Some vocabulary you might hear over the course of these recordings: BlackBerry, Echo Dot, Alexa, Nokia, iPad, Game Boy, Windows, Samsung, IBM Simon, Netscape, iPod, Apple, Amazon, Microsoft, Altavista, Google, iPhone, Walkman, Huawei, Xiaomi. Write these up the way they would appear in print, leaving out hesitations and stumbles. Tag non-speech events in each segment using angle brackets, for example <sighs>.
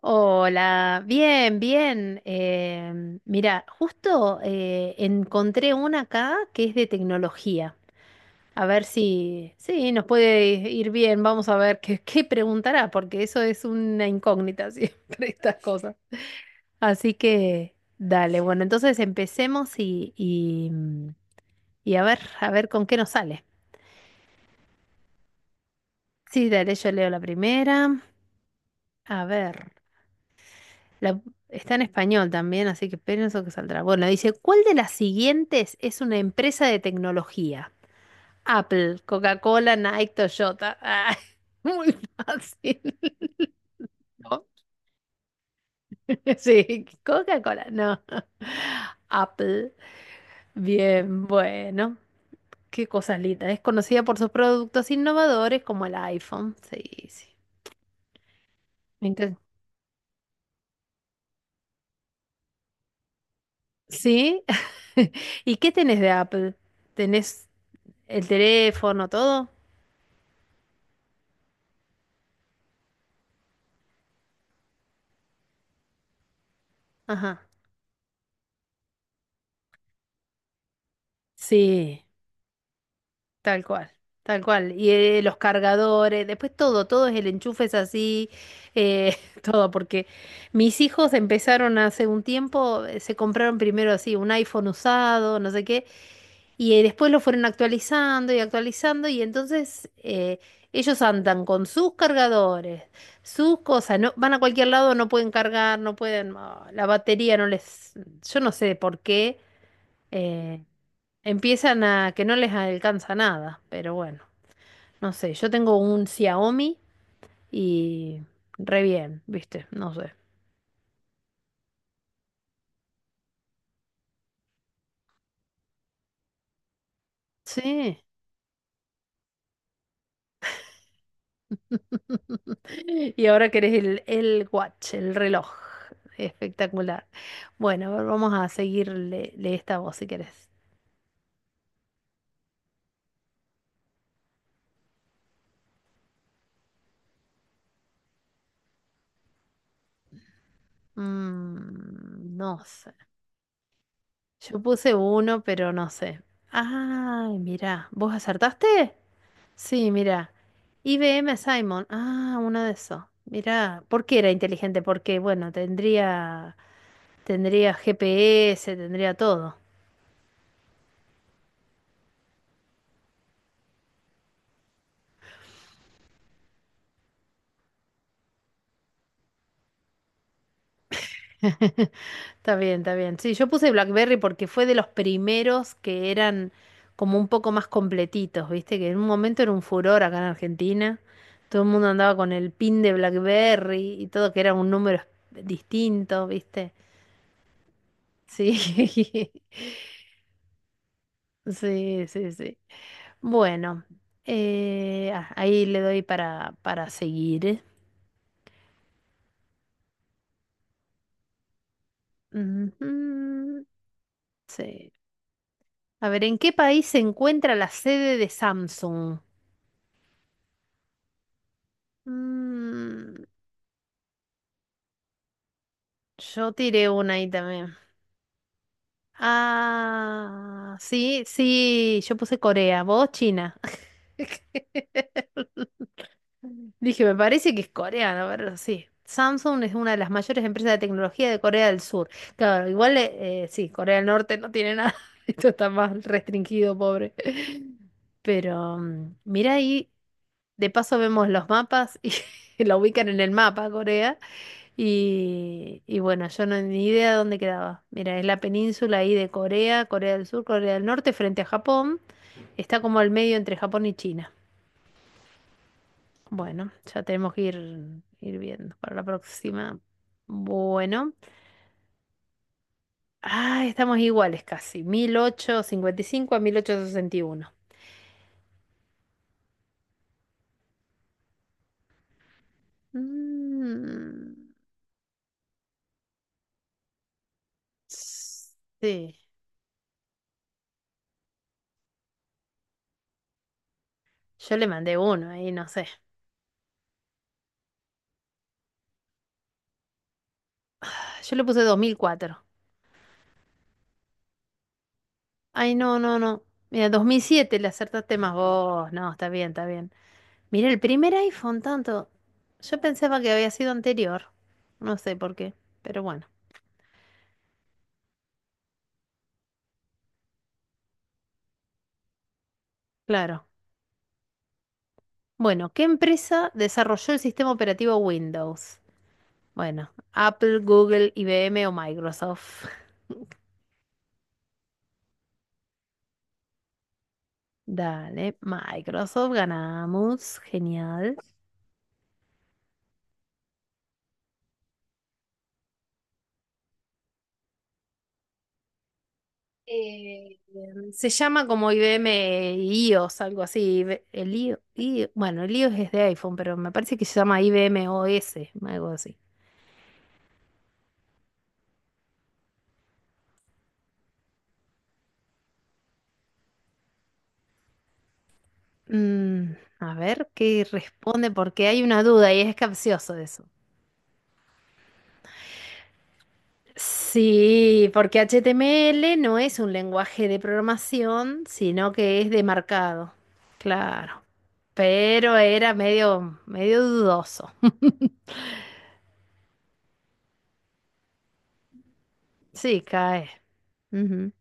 Hola, bien, bien. Mira, justo encontré una acá que es de tecnología. A ver si, sí, nos puede ir bien. Vamos a ver qué preguntará, porque eso es una incógnita <laughs> siempre, estas cosas. Así que, dale, bueno, entonces empecemos y a ver con qué nos sale. Sí, dale, yo leo la primera. A ver. La- Está en español también, así que pienso que saldrá. Bueno, dice, ¿cuál de las siguientes es una empresa de tecnología? Apple, Coca-Cola, Nike, Toyota. Ah, <laughs> muy fácil. <laughs> Sí, Coca-Cola, no. Apple, bien, bueno, qué cosas lindas. Es conocida por sus productos innovadores como el iPhone. Sí, sí. Inte- ¿Sí? <laughs> ¿Y qué tenés de Apple? ¿Tenés el teléfono, todo? Ajá. Sí. Tal cual, tal cual. Y los cargadores, después todo es el enchufe es así, eh, <laughs> todo, porque mis hijos empezaron hace un tiempo, se compraron primero así un iPhone usado, no sé qué, y después lo fueron actualizando y actualizando, y entonces ellos andan con sus cargadores, sus cosas, no, van a cualquier lado, no pueden cargar, no pueden, la batería no les, yo no sé por qué, eh, empiezan a que no les alcanza nada, pero bueno. No sé, yo tengo un Xiaomi y re bien, ¿viste? No sé. Sí. <laughs> Y ahora querés el watch, el reloj. Espectacular. Bueno, a ver, vamos a seguirle le esta voz si querés. Mm, no sé. Yo puse uno, pero no sé. Ay, mirá. ¿Vos acertaste? Sí, mirá. IBM Simon. Ah, uno de esos. Mirá. ¿Por qué era inteligente? Porque, bueno, tendría GPS, tendría todo. <laughs> Está bien, está bien. Sí, yo puse BlackBerry porque fue de los primeros que eran como un poco más completitos, ¿viste? Que en un momento era un furor acá en Argentina. Todo el mundo andaba con el pin de BlackBerry y todo, que era un número distinto, ¿viste? Sí, <laughs> sí, sí, sí. Bueno, ahí le doy para seguir. Ujú, sí. A ver, ¿en qué país se encuentra la sede de Samsung? Mm, yo tiré una ahí también. Ah, sí, sí, yo puse Corea, vos China. <laughs> Dije, me parece que es coreano, pero sí. Samsung es una de las mayores empresas de tecnología de Corea del Sur. Claro, igual, sí, Corea del Norte no tiene nada. <laughs> Esto está más restringido, pobre. Pero mira ahí, de paso vemos los mapas y <laughs> la ubican en el mapa, Corea. Y bueno, yo no ni idea de dónde quedaba. Mira, es la península ahí de Corea, Corea del Sur, Corea del Norte, frente a Japón. Está como al medio entre Japón y China. Bueno, ya tenemos que ir viendo para la próxima. Bueno. Ah, estamos iguales casi. 1855 a 1861. Mm, sí, yo le mandé uno ahí, no sé. Yo le puse 2004. Ay, no, no, no. Mira, 2007 le acertaste más vos. No, está bien, está bien. Mira, el primer iPhone tanto. Yo pensaba que había sido anterior. No sé por qué, pero bueno, claro. Bueno, ¿qué empresa desarrolló el sistema operativo Windows? Bueno, Apple, Google, IBM o Microsoft. <laughs> Dale, Microsoft, ganamos. Genial. Eh, Se llama como IBM iOS, algo así. El IO bueno, el iOS es de iPhone, pero me parece que se llama IBM OS, algo así. Mm, a ver qué responde, porque hay una duda y es capcioso eso. Sí, porque HTML no es un lenguaje de programación, sino que es de marcado. Claro. Pero era medio, medio dudoso. <laughs> Sí, cae. Ujú.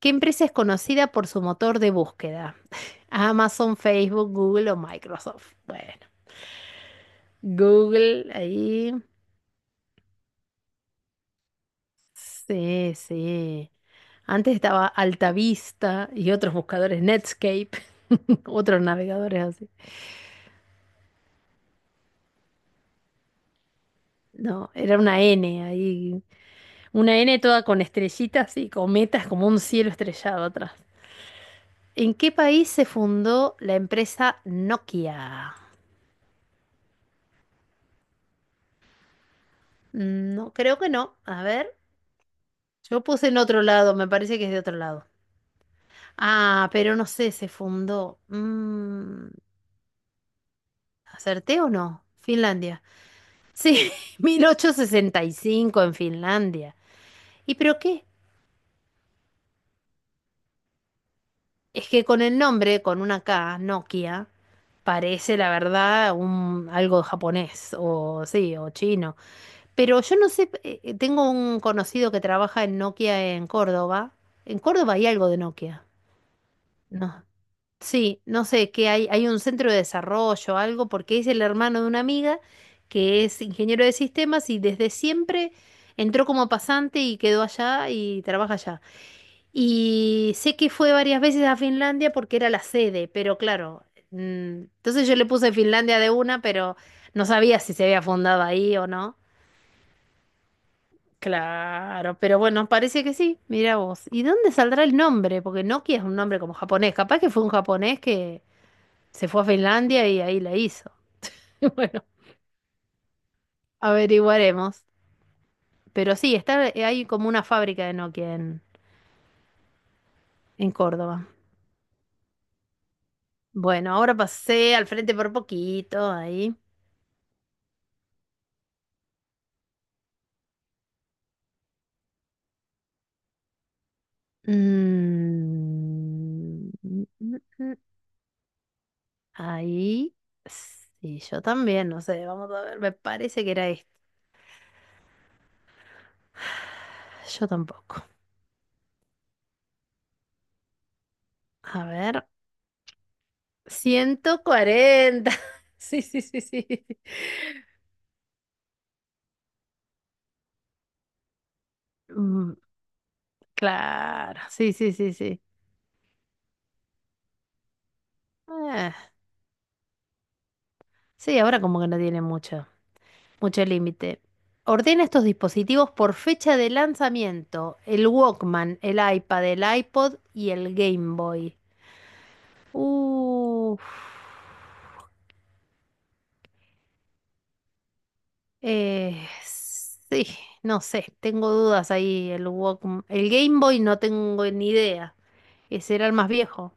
¿Qué empresa es conocida por su motor de búsqueda? <laughs> Amazon, Facebook, Google o Microsoft. Bueno, Google ahí. Sí, sí. Antes estaba Altavista y otros buscadores, Netscape, <laughs> otros navegadores así. No, era una N ahí. Una N toda con estrellitas y cometas como un cielo estrellado atrás. ¿En qué país se fundó la empresa Nokia? Mm, no, creo que no. A ver. Yo puse en otro lado, me parece que es de otro lado. Ah, pero no sé, se fundó. ¿Acerté o no? Finlandia. Sí, <laughs> 1865 en Finlandia. ¿Y pero qué? Es que con el nombre, con una K, Nokia, parece la verdad algo japonés o sí, o chino. Pero yo no sé, tengo un conocido que trabaja en Nokia en Córdoba. En Córdoba hay algo de Nokia. No, sí, no sé, que hay un centro de desarrollo, algo, porque es el hermano de una amiga que es ingeniero de sistemas y desde siempre entró como pasante y quedó allá y trabaja allá. Y sé que fue varias veces a Finlandia porque era la sede, pero claro, entonces yo le puse Finlandia de una, pero no sabía si se había fundado ahí o no. Claro, pero bueno, parece que sí, mira vos. ¿Y dónde saldrá el nombre? Porque Nokia es un nombre como japonés, capaz que fue un japonés que se fue a Finlandia y ahí la hizo. <laughs> Bueno, averiguaremos. Pero sí, está, hay como una fábrica de Nokia en Córdoba. Bueno, ahora pasé al frente por poquito, ahí. Mm, mm, mm, mm. Ahí. Sí, yo también, no sé, vamos a ver, me parece que era esto. <sighs> Yo tampoco. A ver, 140. <laughs> Sí, sí, sí, sí. Mm, claro, sí, sí, sí, sí. Eh, Sí, ahora como que no tiene mucho límite. Ordena estos dispositivos por fecha de lanzamiento. El Walkman, el iPad, el iPod y el Game Boy. Uf. Sí, no sé, tengo dudas ahí. El Walkman, el Game Boy no tengo ni idea. Ese era el más viejo.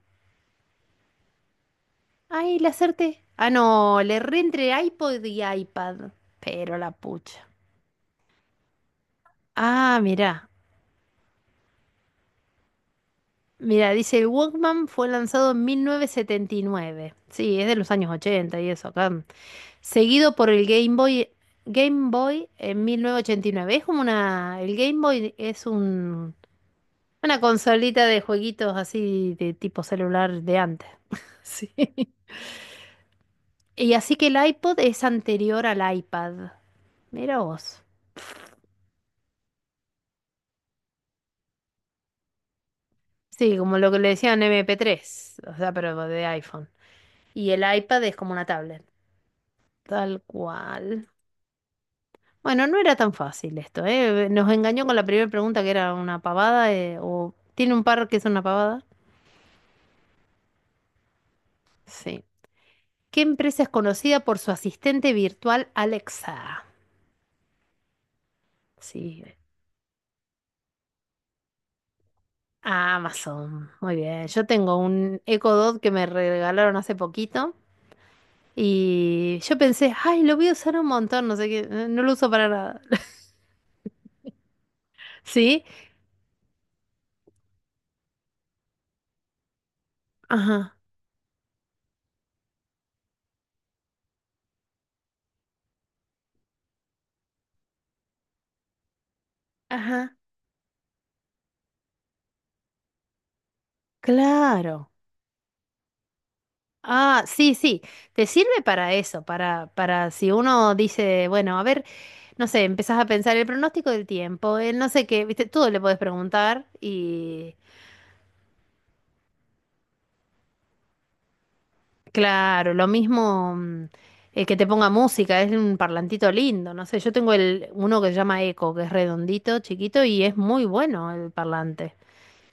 Ay, le acerté. Ah, no, le erré entre iPod y iPad. Pero la pucha. Ah, mirá. Mira, dice el Walkman fue lanzado en 1979. Sí, es de los años 80 y eso, acá. Seguido por el Game Boy en 1989. Es como el Game Boy es una consolita de jueguitos así de tipo celular de antes. <laughs> Sí. Y así que el iPod es anterior al iPad. Mira vos. Sí, como lo que le decían MP3, o sea, pero de iPhone. Y el iPad es como una tablet, tal cual. Bueno, no era tan fácil esto, ¿eh? Nos engañó con la primera pregunta que era una pavada, o ¿tiene un par que es una pavada? Sí. ¿Qué empresa es conocida por su asistente virtual Alexa? Sí, Amazon. Muy bien. Yo tengo un Echo Dot que me regalaron hace poquito y yo pensé, ay, lo voy a usar un montón, no sé qué, no lo uso para nada. <laughs> ¿Sí? Ajá. Ajá. Claro. Ah, sí, sí, te sirve para eso, para si uno dice, bueno, a ver, no sé, empezás a pensar el pronóstico del tiempo, el no sé qué, viste, todo le podés preguntar y claro, lo mismo que te ponga música, es un parlantito lindo, no sé, yo tengo uno que se llama Eco, que es redondito, chiquito y es muy bueno el parlante,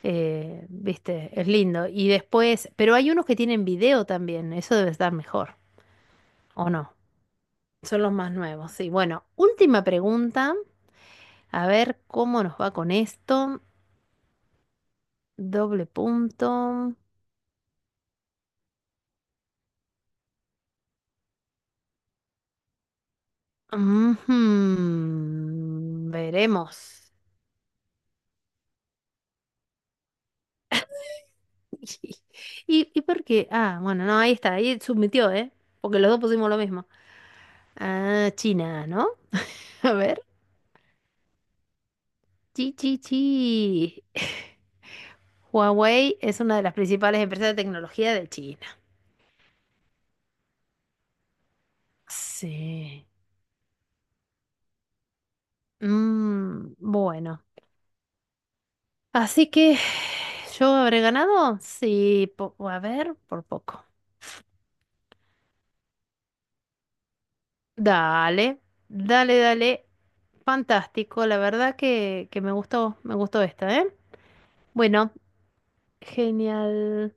viste, es lindo. Y después, pero hay unos que tienen video también, eso debe estar mejor, ¿o no? Son los más nuevos, sí. Bueno, última pregunta. A ver cómo nos va con esto. Doble punto. Ujú, veremos. <laughs> ¿Y por qué? Ah, bueno, no, ahí está. Ahí submitió, ¿eh? Porque los dos pusimos lo mismo. Ah, China, ¿no? <laughs> A ver. Chi, chi, chi. <laughs> Huawei es una de las principales empresas de tecnología de China. Sí. Mm, bueno. Así que yo habré ganado. Sí, a ver, por poco. Dale, dale, dale. Fantástico, la verdad que me gustó esta, ¿eh? Bueno, genial.